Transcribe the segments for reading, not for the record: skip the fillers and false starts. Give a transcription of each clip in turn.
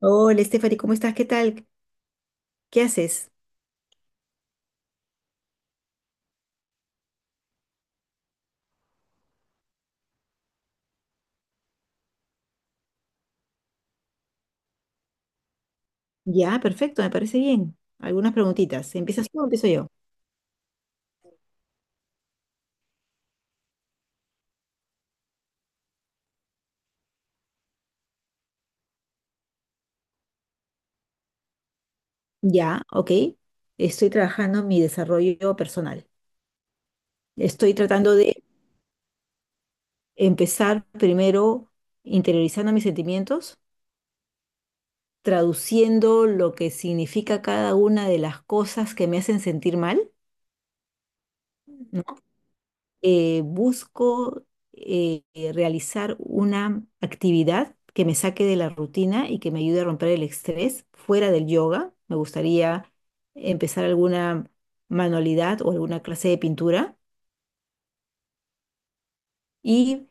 Hola, Stephanie, ¿cómo estás? ¿Qué tal? ¿Qué haces? Ya, perfecto, me parece bien. Algunas preguntitas. ¿Empiezas tú o empiezo yo? Ya, ok. Estoy trabajando en mi desarrollo personal. Estoy tratando de empezar primero interiorizando mis sentimientos, traduciendo lo que significa cada una de las cosas que me hacen sentir mal, ¿no? Busco realizar una actividad que me saque de la rutina y que me ayude a romper el estrés fuera del yoga. Me gustaría empezar alguna manualidad o alguna clase de pintura y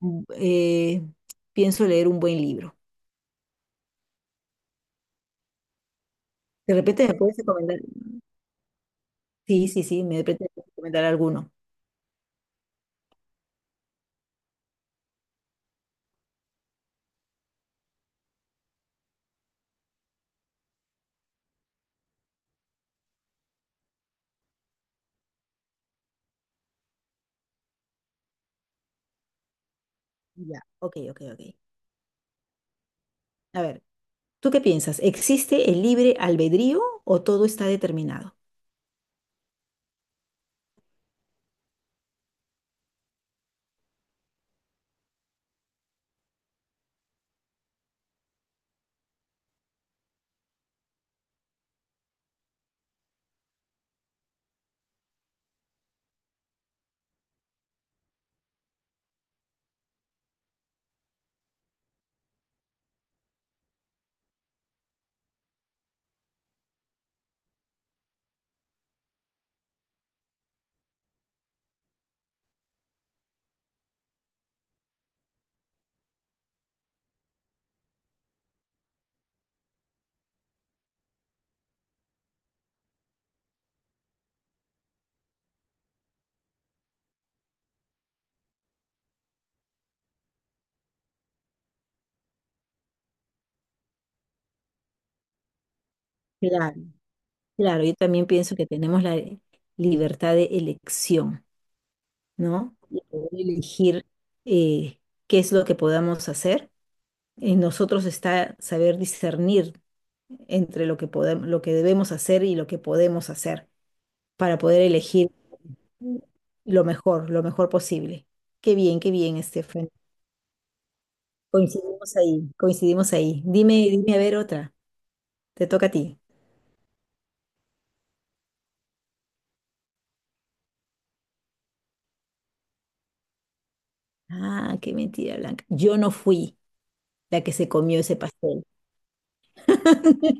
mm, eh, pienso leer un buen libro. De repente me puedes recomendar. Sí, sí, sí, me de repente puedes recomendar alguno. Ya, ok, ok, ok. A ver, ¿tú qué piensas? ¿Existe el libre albedrío o todo está determinado? Claro, claro, yo también pienso que tenemos la libertad de elección, ¿no? Y poder elegir, eh, qué es lo que podamos hacer. En nosotros está saber discernir entre lo que podemos, lo que debemos hacer y lo que podemos hacer para poder elegir lo mejor posible. Qué bien, Estefan. Coincidimos ahí, coincidimos ahí. Dime, dime a ver otra. Te toca a ti. Ah, qué mentira, Blanca. Yo no fui la que se comió ese pastel.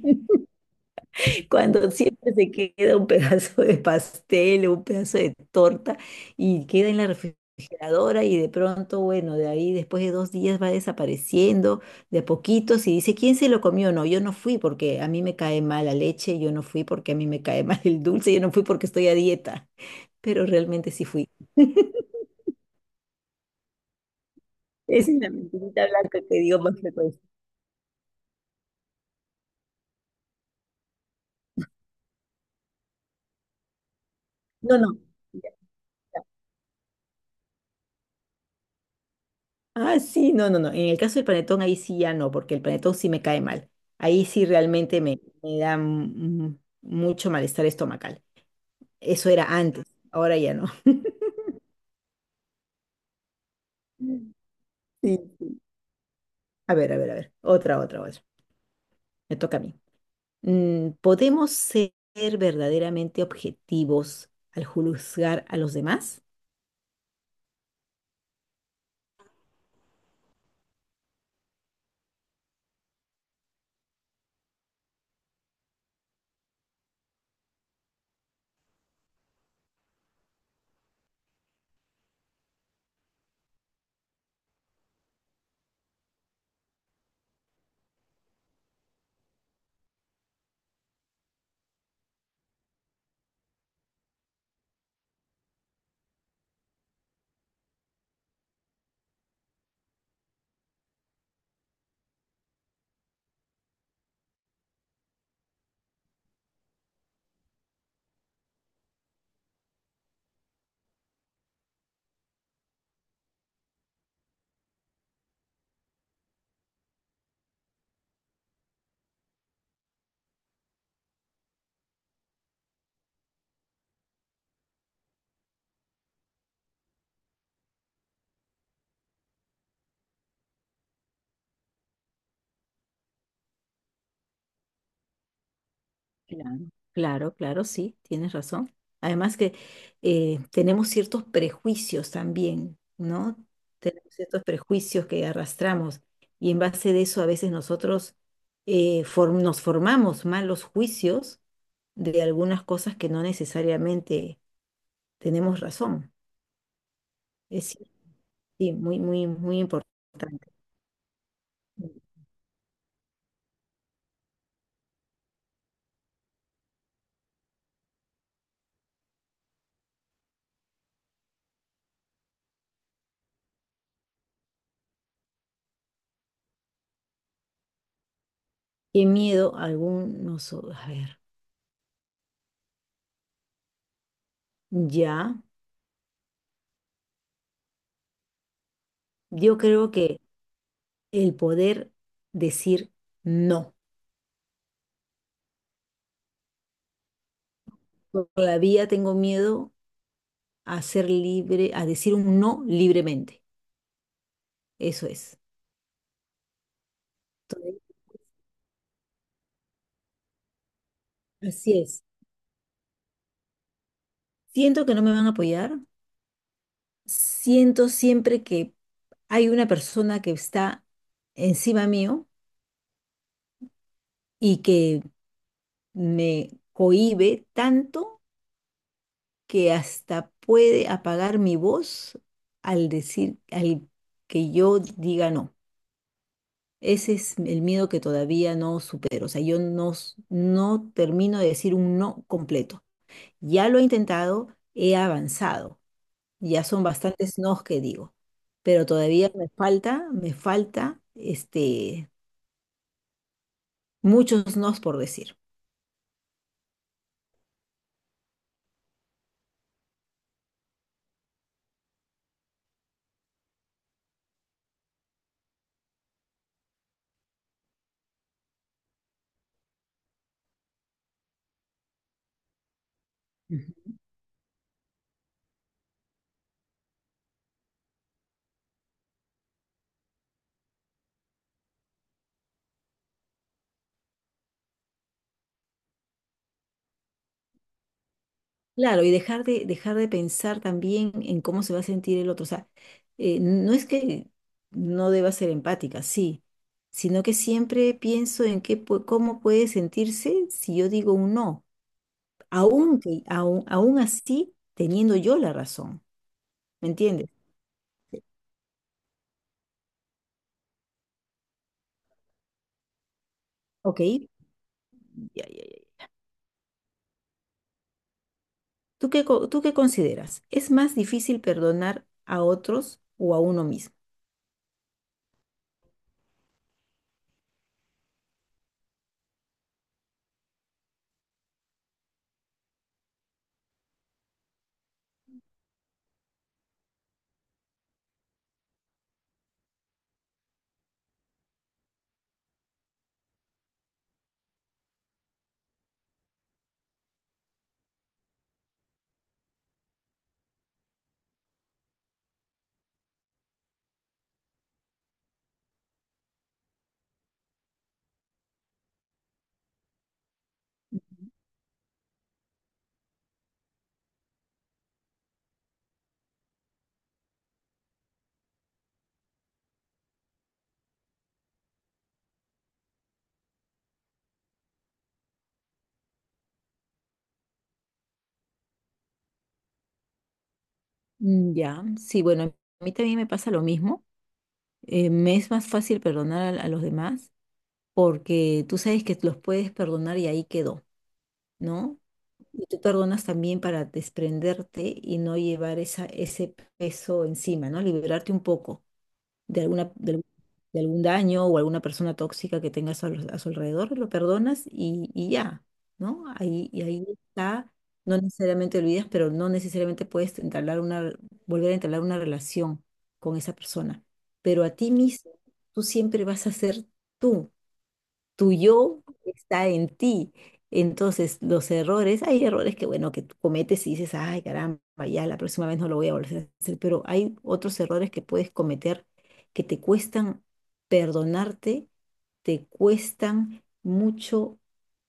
Cuando siempre se queda un pedazo de pastel o un pedazo de torta y queda en la refrigeradora y de pronto, bueno, de ahí después de dos días va desapareciendo de a poquitos y dice, ¿quién se lo comió? No, yo no fui porque a mí me cae mal la leche, yo no fui porque a mí me cae mal el dulce, yo no fui porque estoy a dieta, pero realmente sí fui. Esa es la mentirita blanca que digo más frecuencia. No, no. Ah, sí, no, no, no. En el caso del panetón, ahí sí ya no, porque el panetón sí me cae mal. Ahí sí realmente me da mucho malestar estomacal. Eso era antes, ahora ya no. Sí. A ver, a ver, a ver. Otra, otra, otra. Me toca a mí. Mm, ¿podemos ser verdaderamente objetivos al juzgar a los demás? Claro, claro, claro, sí, tienes razón. Además que tenemos ciertos prejuicios también, ¿no? Tenemos ciertos prejuicios que arrastramos y en base de eso a veces nosotros nos formamos malos juicios de algunas cosas que no necesariamente tenemos razón. Es cier- sí, muy, muy, muy importante. Qué miedo a ver, ya, yo creo que el poder decir no. Todavía tengo miedo a ser libre, a decir un no libremente. Eso es. Todavía- Así es. Siento que no me van a apoyar. Siento siempre que hay una persona que está encima mío y que me cohíbe tanto que hasta puede apagar mi voz al que yo diga no. Ese es el miedo que todavía no supero. O sea, yo no, s- no termino de decir un no completo. Ya lo he intentado, he avanzado. Ya son bastantes nos que digo. Pero todavía me falta este, muchos nos por decir. Ujú. Claro, y dejar de pensar también en cómo se va a sentir el otro. O sea, no es que no deba ser empática, sí, sino que siempre pienso en cómo puede sentirse si yo digo un no. Aún así teniendo yo la razón, ¿me entiendes? Ok, ya, ya, ya. ¿Tú qué consideras? ¿Es más difícil perdonar a otros o a uno mismo? Mm, ya, sí, bueno, a mí también me pasa lo mismo. Me es más fácil perdonar a los demás porque tú sabes que los puedes perdonar y ahí quedó, ¿no? Y tú perdonas también para desprenderte y no llevar esa, ese peso encima, ¿no? Liberarte un poco. Algún de algún daño o alguna persona tóxica que tengas a su alrededor, lo perdonas y ya, ¿no? Y ahí está, no necesariamente olvidas, pero no necesariamente puedes volver a entablar una relación con esa persona. Pero a ti mismo, tú siempre vas a ser tú, tu yo está en ti. Entonces, los errores, hay errores que, bueno, que tú cometes y dices, ay, caramba, ya la próxima vez no lo voy a volver a hacer, pero hay otros errores que puedes cometer que te cuestan perdonarte, te cuestan mucho,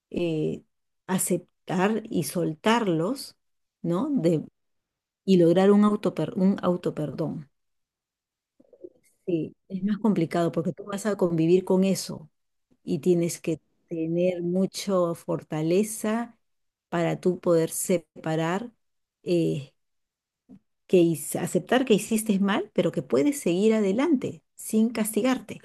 eh, aceptar y soltarlos, ¿no? De, y lograr un un autoperdón. Sí, es más complicado porque tú vas a convivir con eso y tienes que tener mucha fortaleza para tú poder separar, eh, aceptar que hiciste mal, pero que puedes seguir adelante sin castigarte.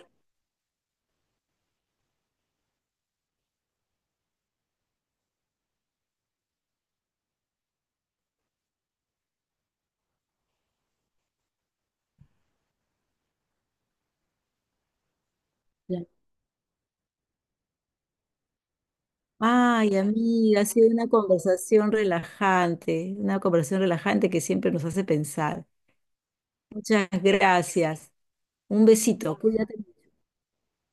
Ya. Ay, amiga, ha sido una conversación relajante que siempre nos hace pensar. Muchas gracias. Un besito, cuídate.